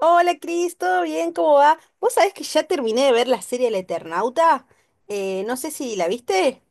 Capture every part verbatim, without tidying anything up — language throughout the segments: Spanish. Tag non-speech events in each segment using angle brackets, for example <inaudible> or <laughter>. Hola Cris, ¿todo bien? ¿Cómo va? Vos sabés que ya terminé de ver la serie El Eternauta. Eh, no sé si la viste.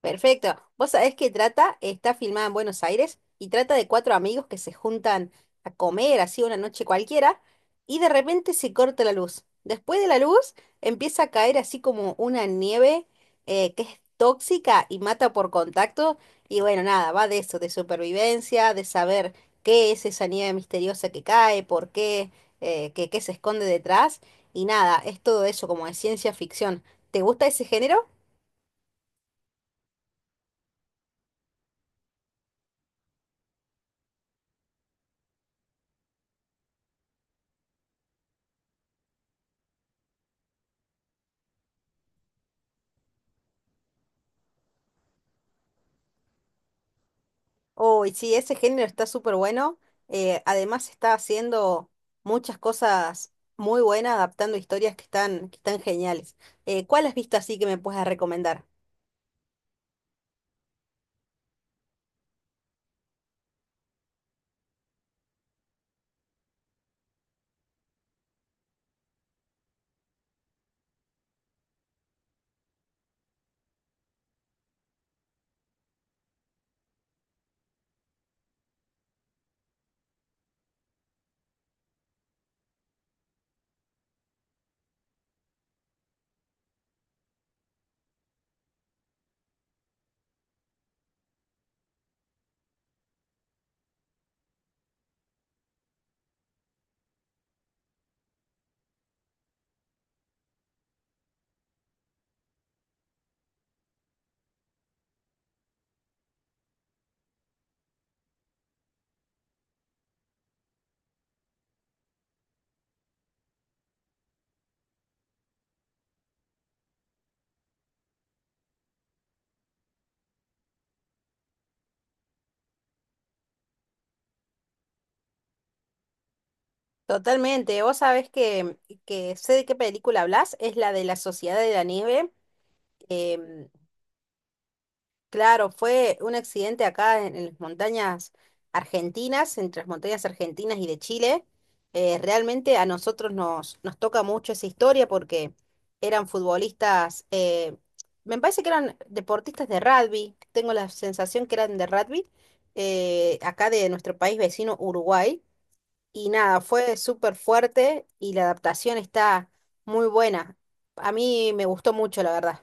Perfecto. Vos sabés que trata, está filmada en Buenos Aires y trata de cuatro amigos que se juntan a comer así una noche cualquiera y de repente se corta la luz. Después de la luz empieza a caer así como una nieve eh, que es tóxica y mata por contacto y bueno, nada, va de eso, de supervivencia, de saber qué es esa nieve misteriosa que cae, por qué, eh, qué, qué se esconde detrás y nada, es todo eso como de ciencia ficción. ¿Te gusta ese género? Uy, sí, ese género está súper bueno. Eh, además, está haciendo muchas cosas muy buenas, adaptando historias que están, que están, geniales. Eh, ¿cuál has visto así que me puedas recomendar? Totalmente, vos sabés que, que sé de qué película hablas, es la de La Sociedad de la Nieve. Claro, fue un accidente acá en, en, las montañas argentinas, entre las montañas argentinas y de Chile. Eh, realmente a nosotros nos, nos toca mucho esa historia porque eran futbolistas, eh, me parece que eran deportistas de rugby, tengo la sensación que eran de rugby, eh, acá de nuestro país vecino Uruguay. Y nada, fue súper fuerte y la adaptación está muy buena. A mí me gustó mucho, la verdad.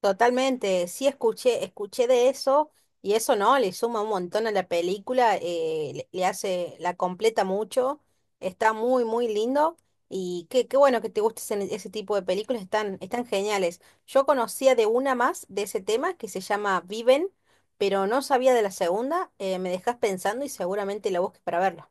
Totalmente, sí escuché, escuché de eso y eso no, le suma un montón a la película, eh, le, le, hace, la completa mucho, está muy, muy lindo y qué, qué, bueno que te guste ese, ese, tipo de películas, están, están geniales. Yo conocía de una más de ese tema que se llama Viven, pero no sabía de la segunda, eh, me dejas pensando y seguramente la busques para verla.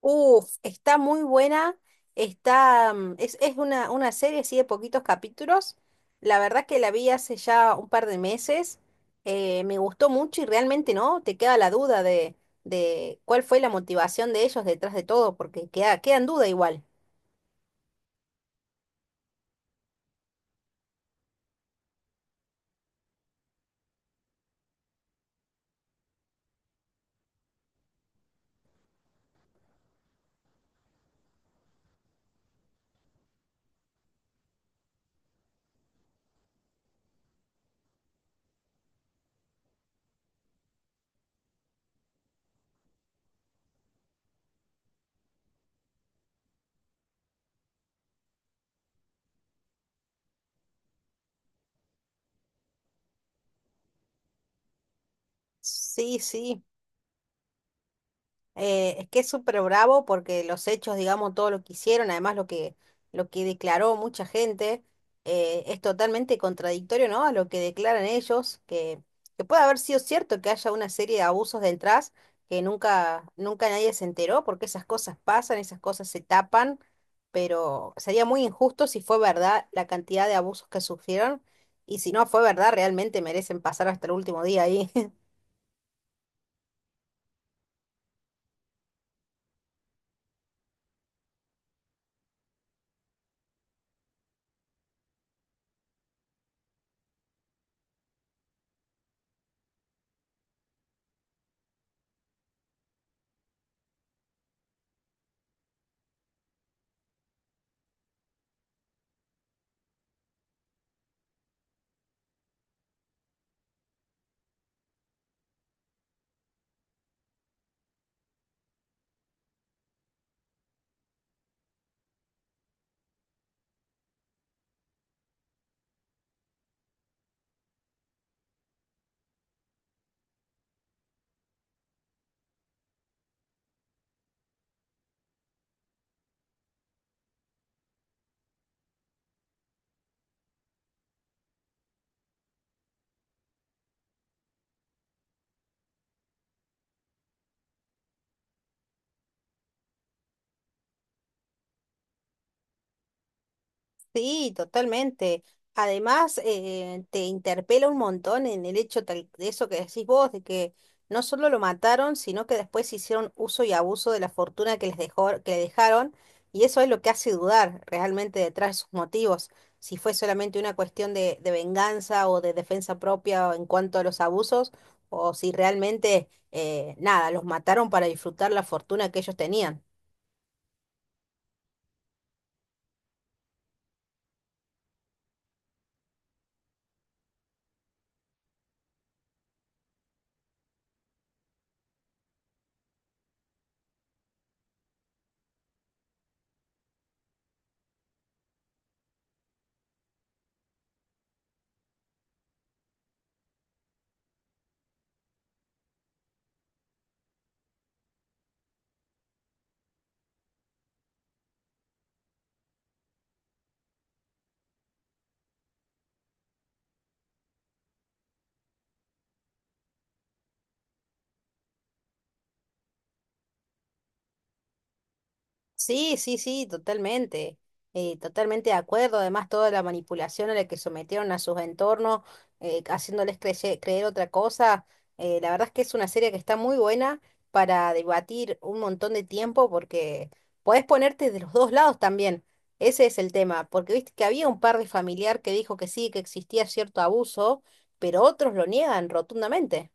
Uf, está muy buena. Está, mm, es, es, una, una serie así de poquitos capítulos. La verdad que la vi hace ya un par de meses. Eh, me gustó mucho y realmente no, te queda la duda de, de, cuál fue la motivación de ellos detrás de todo, porque queda, queda en duda igual. Sí, sí. Eh, es que es súper bravo porque los hechos, digamos, todo lo que hicieron, además lo que, lo que, declaró mucha gente, eh, es totalmente contradictorio, ¿no? A lo que declaran ellos, que, que puede haber sido cierto que haya una serie de abusos detrás que nunca, nunca nadie se enteró, porque esas cosas pasan, esas cosas se tapan, pero sería muy injusto si fue verdad la cantidad de abusos que sufrieron, y si no fue verdad, realmente merecen pasar hasta el último día ahí. <laughs> Sí, totalmente. Además, eh, te interpela un montón en el hecho tal- de eso que decís vos, de que no solo lo mataron, sino que después hicieron uso y abuso de la fortuna que les dejó, que le dejaron, y eso es lo que hace dudar realmente detrás de sus motivos, si fue solamente una cuestión de, de venganza o de defensa propia en cuanto a los abusos, o si realmente, eh, nada, los mataron para disfrutar la fortuna que ellos tenían. Sí, sí, sí, totalmente. Eh, totalmente de acuerdo. Además, toda la manipulación a la que sometieron a sus entornos, eh, haciéndoles creye- creer otra cosa. Eh, la verdad es que es una serie que está muy buena para debatir un montón de tiempo porque podés ponerte de los dos lados también. Ese es el tema. Porque viste que había un par de familiar que dijo que sí, que existía cierto abuso, pero otros lo niegan rotundamente.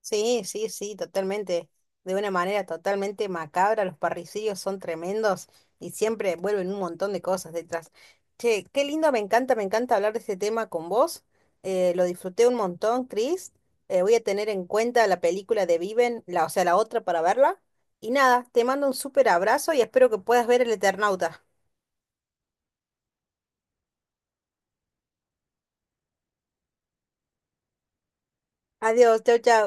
Sí, sí, sí, totalmente. De una manera totalmente macabra, los parricidios son tremendos y siempre vuelven un montón de cosas detrás. Che, qué lindo, me encanta, me encanta hablar de este tema con vos. Eh, lo disfruté un montón, Chris. Eh, voy a tener en cuenta la película de Viven, la, o sea, la otra para verla. Y nada, te mando un súper abrazo y espero que puedas ver El Eternauta. Adiós, chau, chau.